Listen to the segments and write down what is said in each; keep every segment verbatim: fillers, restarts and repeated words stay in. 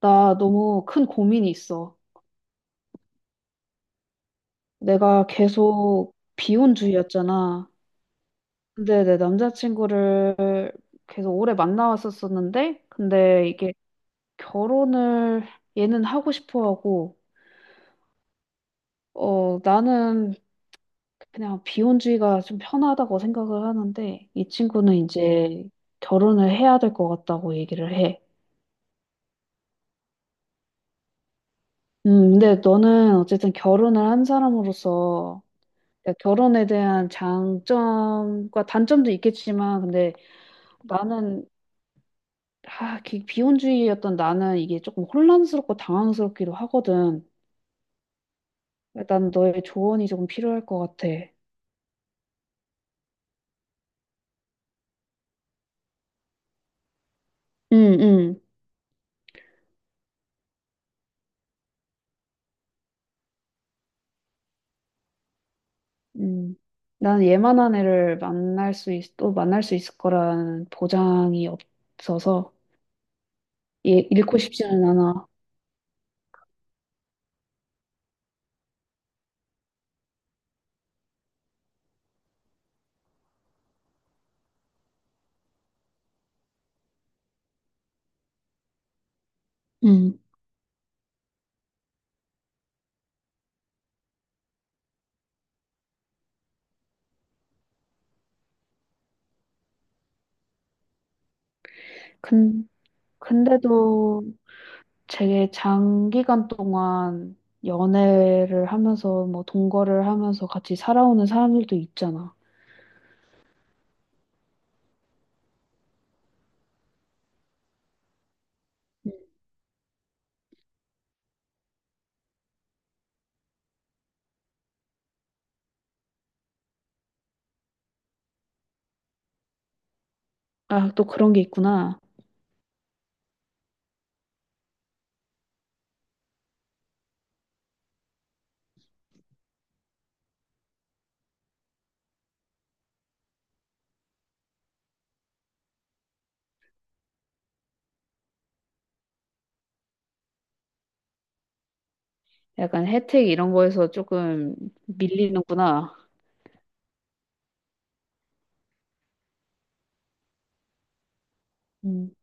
나 너무 큰 고민이 있어. 내가 계속 비혼주의였잖아. 근데 내 남자친구를 계속 오래 만나왔었었는데, 근데 이게 결혼을 얘는 하고 싶어 하고, 어, 나는 그냥 비혼주의가 좀 편하다고 생각을 하는데, 이 친구는 이제 결혼을 해야 될 것 같다고 얘기를 해. 음, 근데 너는 어쨌든 결혼을 한 사람으로서 그러니까 결혼에 대한 장점과 단점도 있겠지만, 근데 나는, 아, 기- 비혼주의였던 나는 이게 조금 혼란스럽고 당황스럽기도 하거든. 난 너의 조언이 조금 필요할 것 같아. 응, 응, 응. 난 예만한 애를 만날 수, 있, 또 만날 수 있을 거라는 보장이 없어서, 얘 잃고 싶지는 않아. 응. 근, 근데도, 되게 장기간 동안 연애를 하면서 뭐 동거를 하면서 같이 살아오는 사람들도 있잖아. 음. 아, 또 그런 게 있구나. 약간 혜택 이런 거에서 조금 밀리는구나. 음.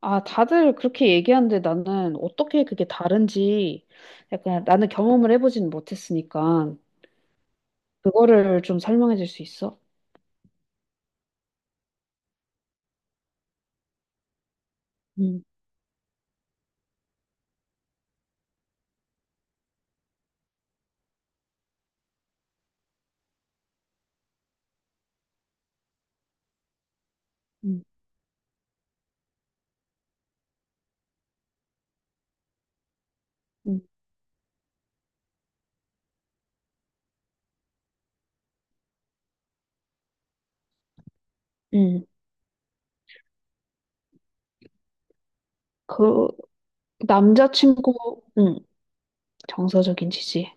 아, 다들 그렇게 얘기하는데 나는 어떻게 그게 다른지 약간 나는 경험을 해보지는 못했으니까 그거를 좀 설명해 줄 수 있어? 음, 음. 음. 음. 그 남자친구, 음, 정서적인 지지.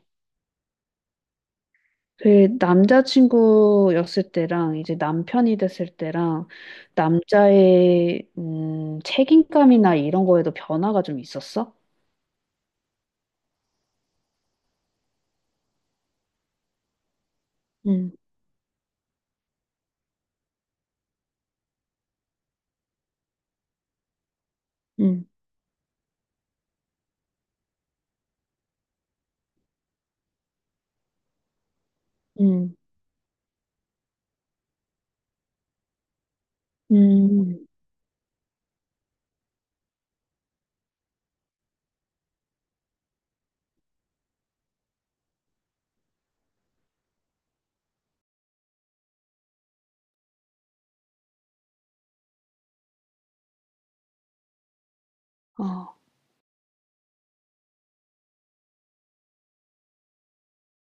그 남자친구였을 때랑 이제 남편이 됐을 때랑 남자의 음, 책임감이나 이런 거에도 변화가 좀 있었어? 음, 음, 음, 음. 어,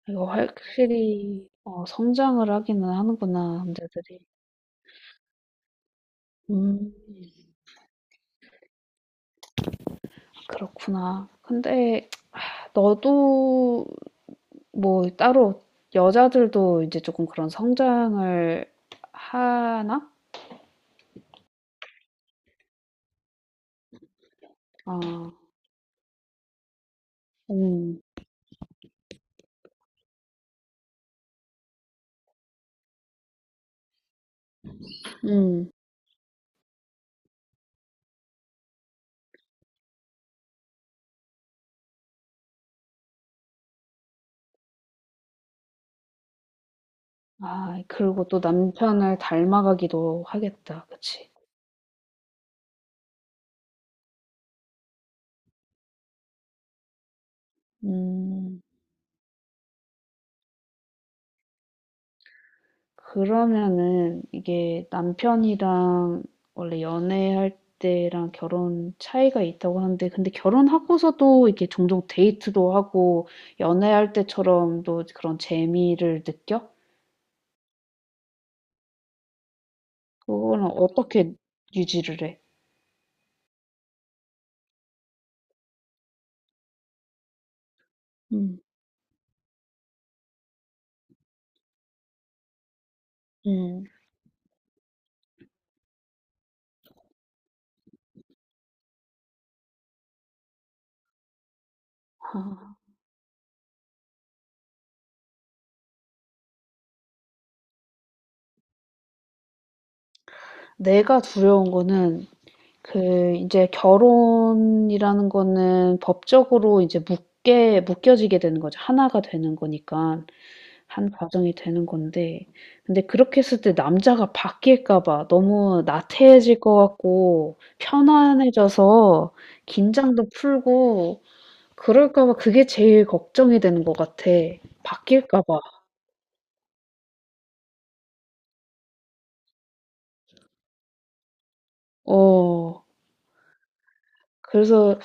이거 확실히 어, 성장을 하기는 하는구나, 남자들이. 음, 그렇구나. 근데 하, 너도 뭐 따로 여자들도 이제 조금 그런 성장을 하나? 아, 음, 음. 아, 그리고 또 남편을 닮아가기도 하겠다. 그치? 음, 그러면은 이게 남편이랑 원래 연애할 때랑 결혼 차이가 있다고 하는데, 근데 결혼하고서도 이렇게 종종 데이트도 하고, 연애할 때처럼 또 그런 재미를 느껴? 그거는 어떻게 유지를 해? 음, 음. 아, 내가 두려운 거는 그 이제 결혼이라는 거는 법적으로 이제 묶게 묶여지게 되는 거죠. 하나가 되는 거니까 한 가정이 되는 건데 근데 그렇게 했을 때 남자가 바뀔까 봐 너무 나태해질 것 같고 편안해져서 긴장도 풀고 그럴까 봐 그게 제일 걱정이 되는 것 같아. 바뀔까 봐. 어. 그래서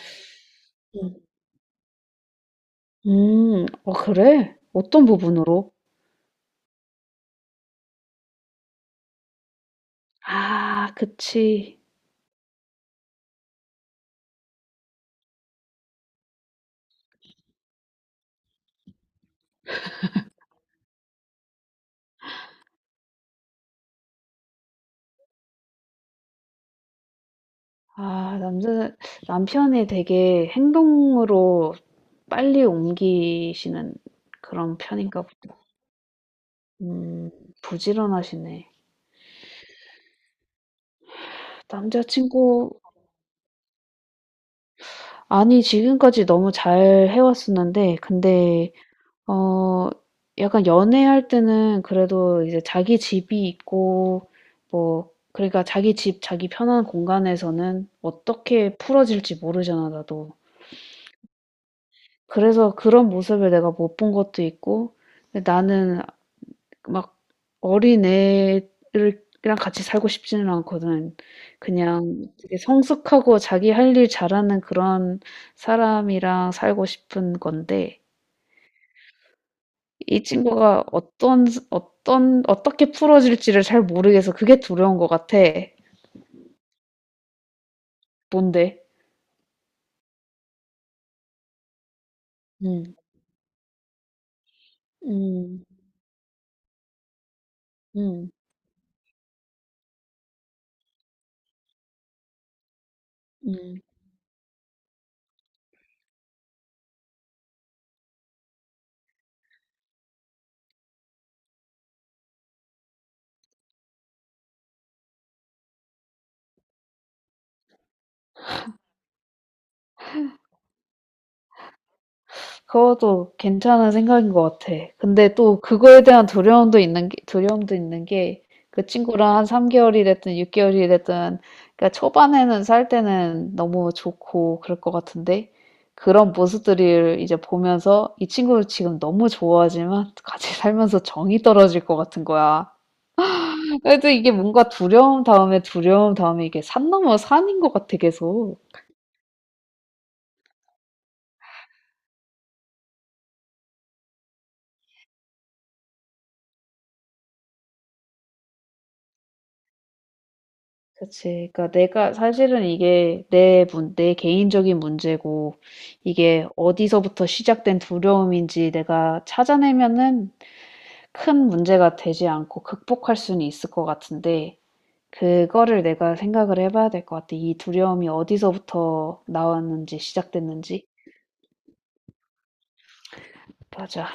음. 음. 어 그래? 어떤 부분으로? 아, 그치. 아 남자 남편이 되게 행동으로 빨리 옮기시는 그런 편인가 보다. 음, 부지런하시네. 남자친구 아니 지금까지 너무 잘 해 왔었는데 근데 어, 약간 연애할 때는 그래도 이제 자기 집이 있고 뭐 그러니까 자기 집 자기 편한 공간에서는 어떻게 풀어질지 모르잖아 나도. 그래서 그런 모습을 내가 못 본 것도 있고 근데 나는 막 어린애를 이랑 같이 살고 싶지는 않거든. 그냥 되게 성숙하고 자기 할 일 잘하는 그런 사람이랑 살고 싶은 건데 이 친구가 어떤 어떤 어떻게 풀어질지를 잘 모르겠어. 그게 두려운 것 같아. 뭔데? 음. 음. 음. 음. 그것도 괜찮은 생각인 것 같아. 근데 또 그거에 대한 두려움도 있는 게, 두려움도 있는 게, 그 친구랑 한 삼 개월이 됐든 육 개월이 됐든, 그러니까 초반에는 살 때는 너무 좋고 그럴 것 같은데, 그런 모습들을 이제 보면서 이 친구를 지금 너무 좋아하지만 같이 살면서 정이 떨어질 것 같은 거야. 그래도 이게 뭔가 두려움 다음에 두려움 다음에 이게 산 넘어 산인 것 같아, 계속. 그치. 그러니까 내가 사실은 이게 내 문, 내 개인적인 문제고 이게 어디서부터 시작된 두려움인지 내가 찾아내면은 큰 문제가 되지 않고 극복할 수는 있을 것 같은데 그거를 내가 생각을 해봐야 될 것 같아. 이 두려움이 어디서부터 나왔는지 시작됐는지. 맞아.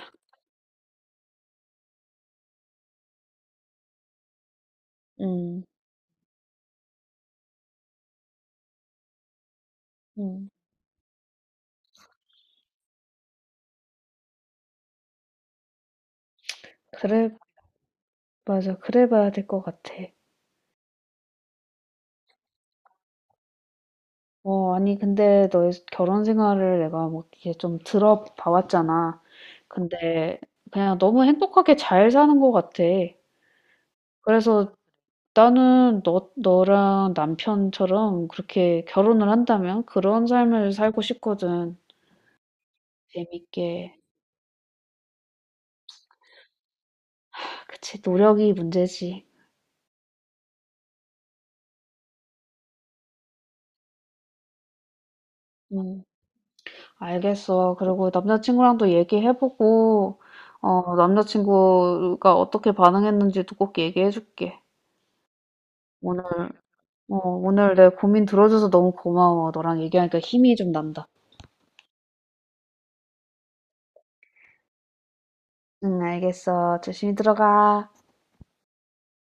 음, 음. 그래, 맞아. 그래 봐야 될 것 같아. 어, 아니, 근데 너의 결혼 생활을 내가 뭐 이렇게 좀 들어봐왔잖아. 근데 그냥 너무 행복하게 잘 사는 것 같아. 그래서 나는 너, 너랑 남편처럼 그렇게 결혼을 한다면 그런 삶을 살고 싶거든. 재밌게. 아, 그치, 노력이 문제지. 음, 알겠어. 그리고 남자친구랑도 얘기해보고, 어, 남자친구가 어떻게 반응했는지도 꼭 얘기해줄게. 오늘 어, 오늘 내 고민 들어줘서 너무 고마워. 너랑 얘기하니까 힘이 좀 난다. 응, 알겠어. 조심히 들어가.